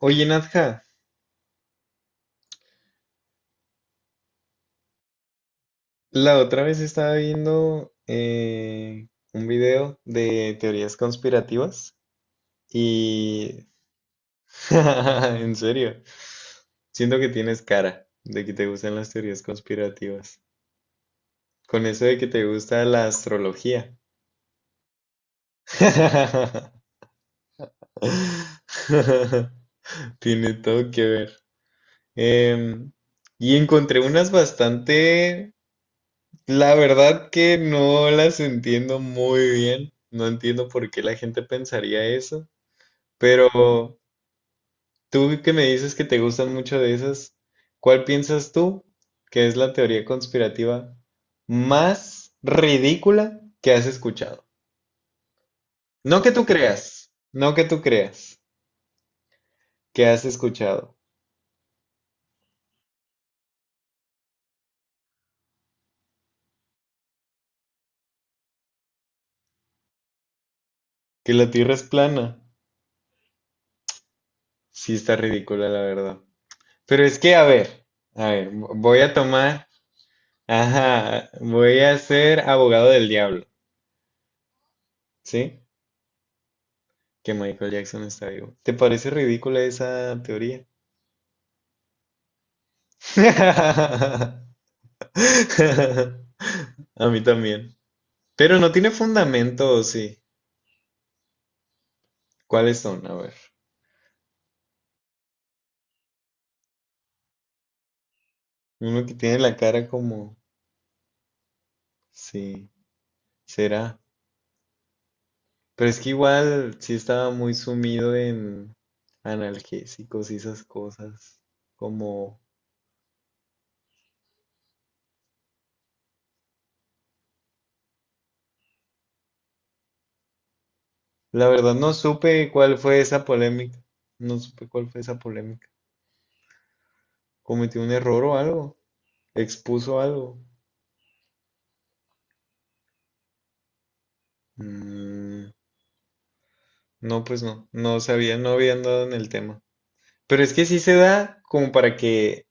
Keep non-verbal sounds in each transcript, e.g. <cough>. Oye, Nadja, la otra vez estaba viendo un video de teorías conspirativas y <laughs> en serio, siento que tienes cara de que te gustan las teorías conspirativas. Con eso de que te gusta la astrología. <laughs> Tiene todo que ver. Em, y encontré unas bastante. La verdad que no las entiendo muy bien. No entiendo por qué la gente pensaría eso. Pero tú que me dices que te gustan mucho de esas, ¿cuál piensas tú que es la teoría conspirativa más ridícula que has escuchado? No que tú creas, no que tú creas, que has escuchado. Que la Tierra es plana. Sí está ridícula, la verdad. Pero es que, a ver, voy a tomar. Ajá, voy a ser abogado del diablo. ¿Sí? Que Michael Jackson está vivo. ¿Te parece ridícula esa teoría? <laughs> A mí también. Pero no tiene fundamento, ¿o sí? ¿Cuáles son? A ver. Uno que tiene la cara como... Sí, será. Pero es que igual sí estaba muy sumido en analgésicos y esas cosas. Como... La verdad no supe cuál fue esa polémica. No supe cuál fue esa polémica. ¿Cometió un error o algo? ¿Expuso algo? Mm, no, pues no, no sabía, no había andado en el tema. Pero es que sí se da como para que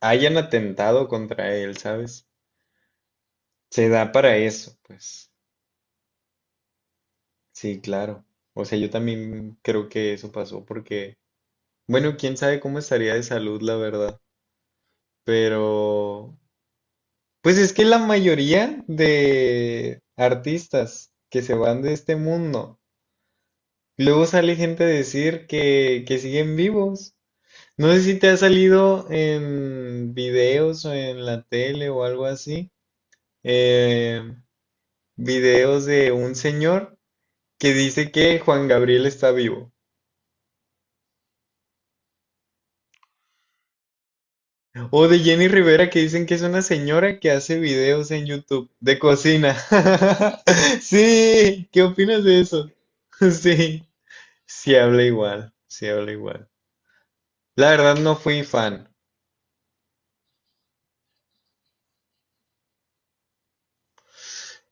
hayan atentado contra él, ¿sabes? Se da para eso, pues. Sí, claro. O sea, yo también creo que eso pasó porque, bueno, quién sabe cómo estaría de salud, la verdad. Pero, pues es que la mayoría de artistas que se van de este mundo, luego sale gente a decir que siguen vivos. No sé si te ha salido en videos o en la tele o algo así, eh, videos de un señor que dice que Juan Gabriel está vivo. O de Jenny Rivera que dicen que es una señora que hace videos en YouTube de cocina. <laughs> Sí, ¿qué opinas de eso? <laughs> Sí, sí habla igual, sí habla igual. La verdad no fui fan.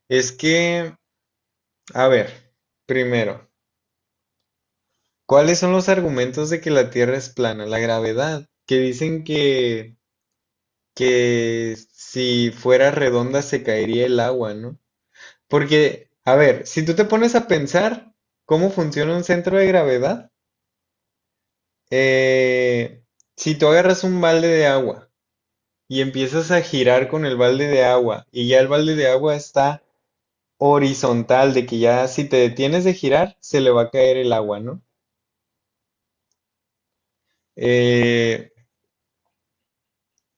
Es que, a ver, primero, ¿cuáles son los argumentos de que la Tierra es plana? La gravedad, que dicen que si fuera redonda se caería el agua, ¿no? Porque, a ver, si tú te pones a pensar cómo funciona un centro de gravedad, eh, si tú agarras un balde de agua y empiezas a girar con el balde de agua y ya el balde de agua está horizontal, de que ya si te detienes de girar, se le va a caer el agua, ¿no? Eh,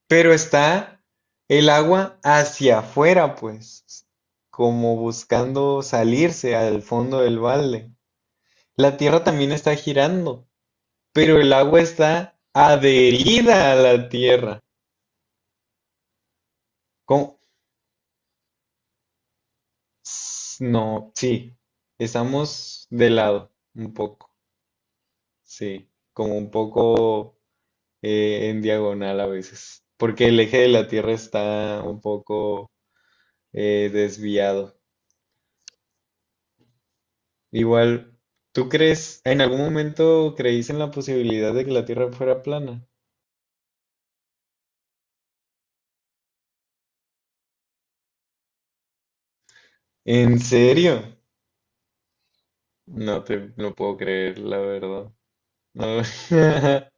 pero está el agua hacia afuera pues, como buscando salirse al fondo del balde. La tierra también está girando, pero el agua está adherida a la tierra. ¿Cómo? No, sí, estamos de lado, un poco, sí, como un poco en diagonal a veces, porque el eje de la tierra está un poco desviado. Igual, ¿tú crees, en algún momento creíste en la posibilidad de que la Tierra fuera plana? ¿En serio? No te lo puedo creer, la verdad. No, <laughs>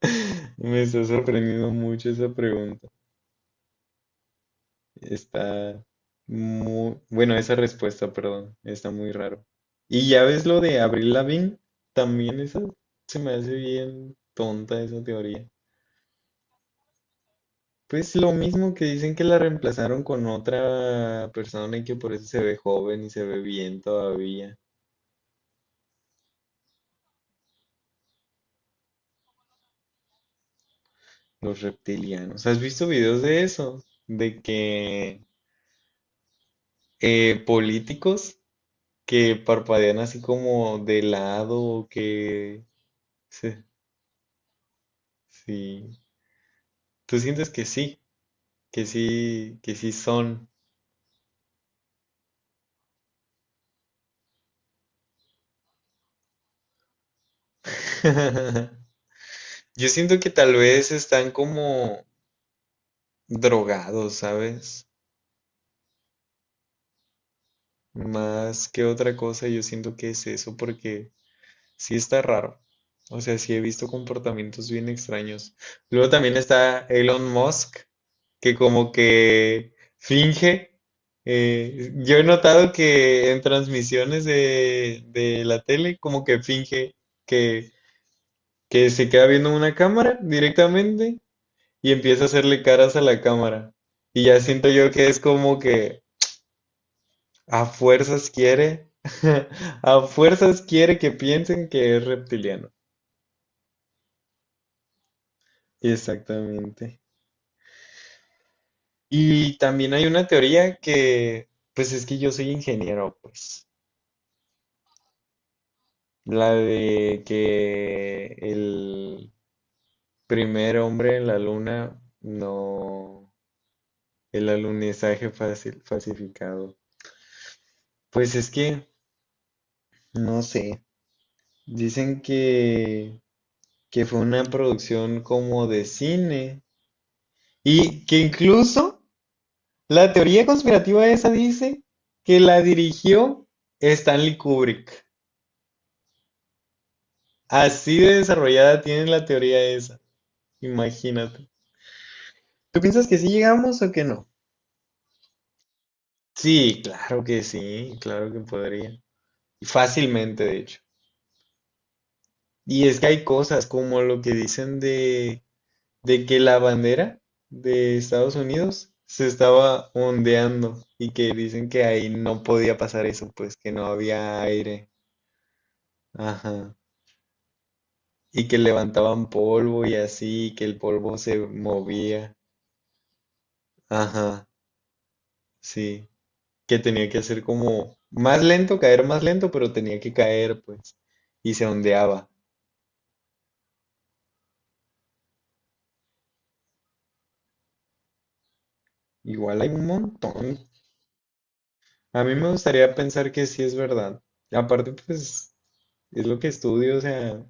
me está sorprendiendo mucho esa pregunta. Está muy, bueno, esa respuesta, perdón, está muy raro. Y ya ves lo de Avril Lavigne, también esa se me hace bien tonta esa teoría. Pues lo mismo que dicen que la reemplazaron con otra persona y que por eso se ve joven y se ve bien todavía. Los reptilianos. ¿Has visto videos de eso? De que políticos que parpadean así como de lado o que... Sí, sí. ¿Tú sientes que sí? Que sí, que sí son. <laughs> Yo siento que tal vez están como drogados, ¿sabes? Más que otra cosa, yo siento que es eso porque sí está raro. O sea, sí he visto comportamientos bien extraños. Luego también está Elon Musk, que como que finge. Yo he notado que en transmisiones de la tele, como que finge que, que se queda viendo una cámara directamente y empieza a hacerle caras a la cámara. Y ya siento yo que es como que, a fuerzas quiere, <laughs> a fuerzas quiere que piensen que es reptiliano. Exactamente. Y también hay una teoría que, pues es que yo soy ingeniero, pues, la de que el primer hombre en la luna no, el alunizaje fácil, falsificado. Pues es que, no sé, dicen que fue una producción como de cine y que incluso... La teoría conspirativa esa dice que la dirigió Stanley Kubrick. Así de desarrollada tiene la teoría esa. Imagínate. ¿Tú piensas que sí llegamos o que no? Sí, claro que podría. Y fácilmente, de hecho. Y es que hay cosas como lo que dicen de que la bandera de Estados Unidos se estaba ondeando y que dicen que ahí no podía pasar eso, pues que no había aire. Ajá. Y que levantaban polvo y así, que el polvo se movía. Ajá, sí. Que tenía que hacer como más lento, caer más lento, pero tenía que caer, pues. Y se ondeaba. Igual hay un montón. A mí me gustaría pensar que sí es verdad. Aparte, pues, es lo que estudio, o sea,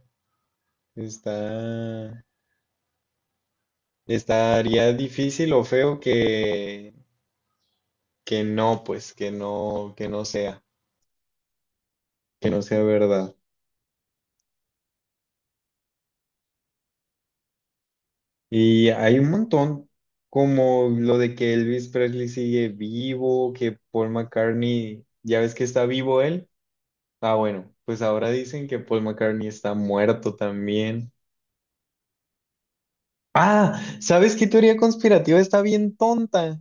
está, estaría difícil o feo que no, pues, que no sea verdad. Y hay un montón, como lo de que Elvis Presley sigue vivo, que Paul McCartney, ya ves que está vivo él. Ah, bueno, pues ahora dicen que Paul McCartney está muerto también. Ah, ¿sabes qué teoría conspirativa está bien tonta?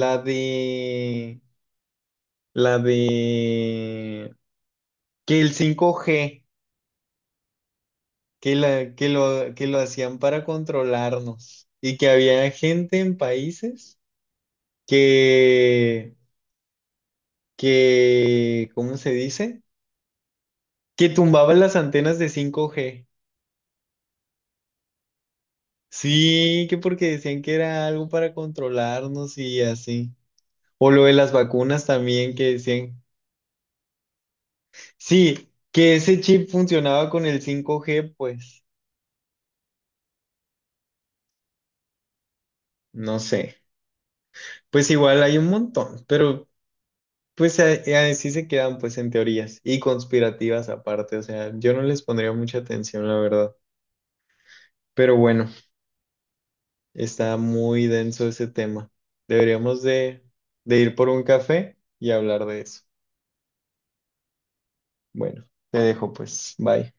La de, la de que el 5G, que la, que lo hacían para controlarnos y que había gente en países que que, ¿cómo se dice? Que tumbaban las antenas de 5G. Sí, que porque decían que era algo para controlarnos y así. O lo de las vacunas también que decían. Sí, que ese chip funcionaba con el 5G, pues no sé. Pues igual hay un montón, pero pues así se quedan pues en teorías y conspirativas aparte. O sea, yo no les pondría mucha atención, la verdad. Pero bueno. Está muy denso ese tema. Deberíamos de ir por un café y hablar de eso. Bueno, te dejo pues. Bye.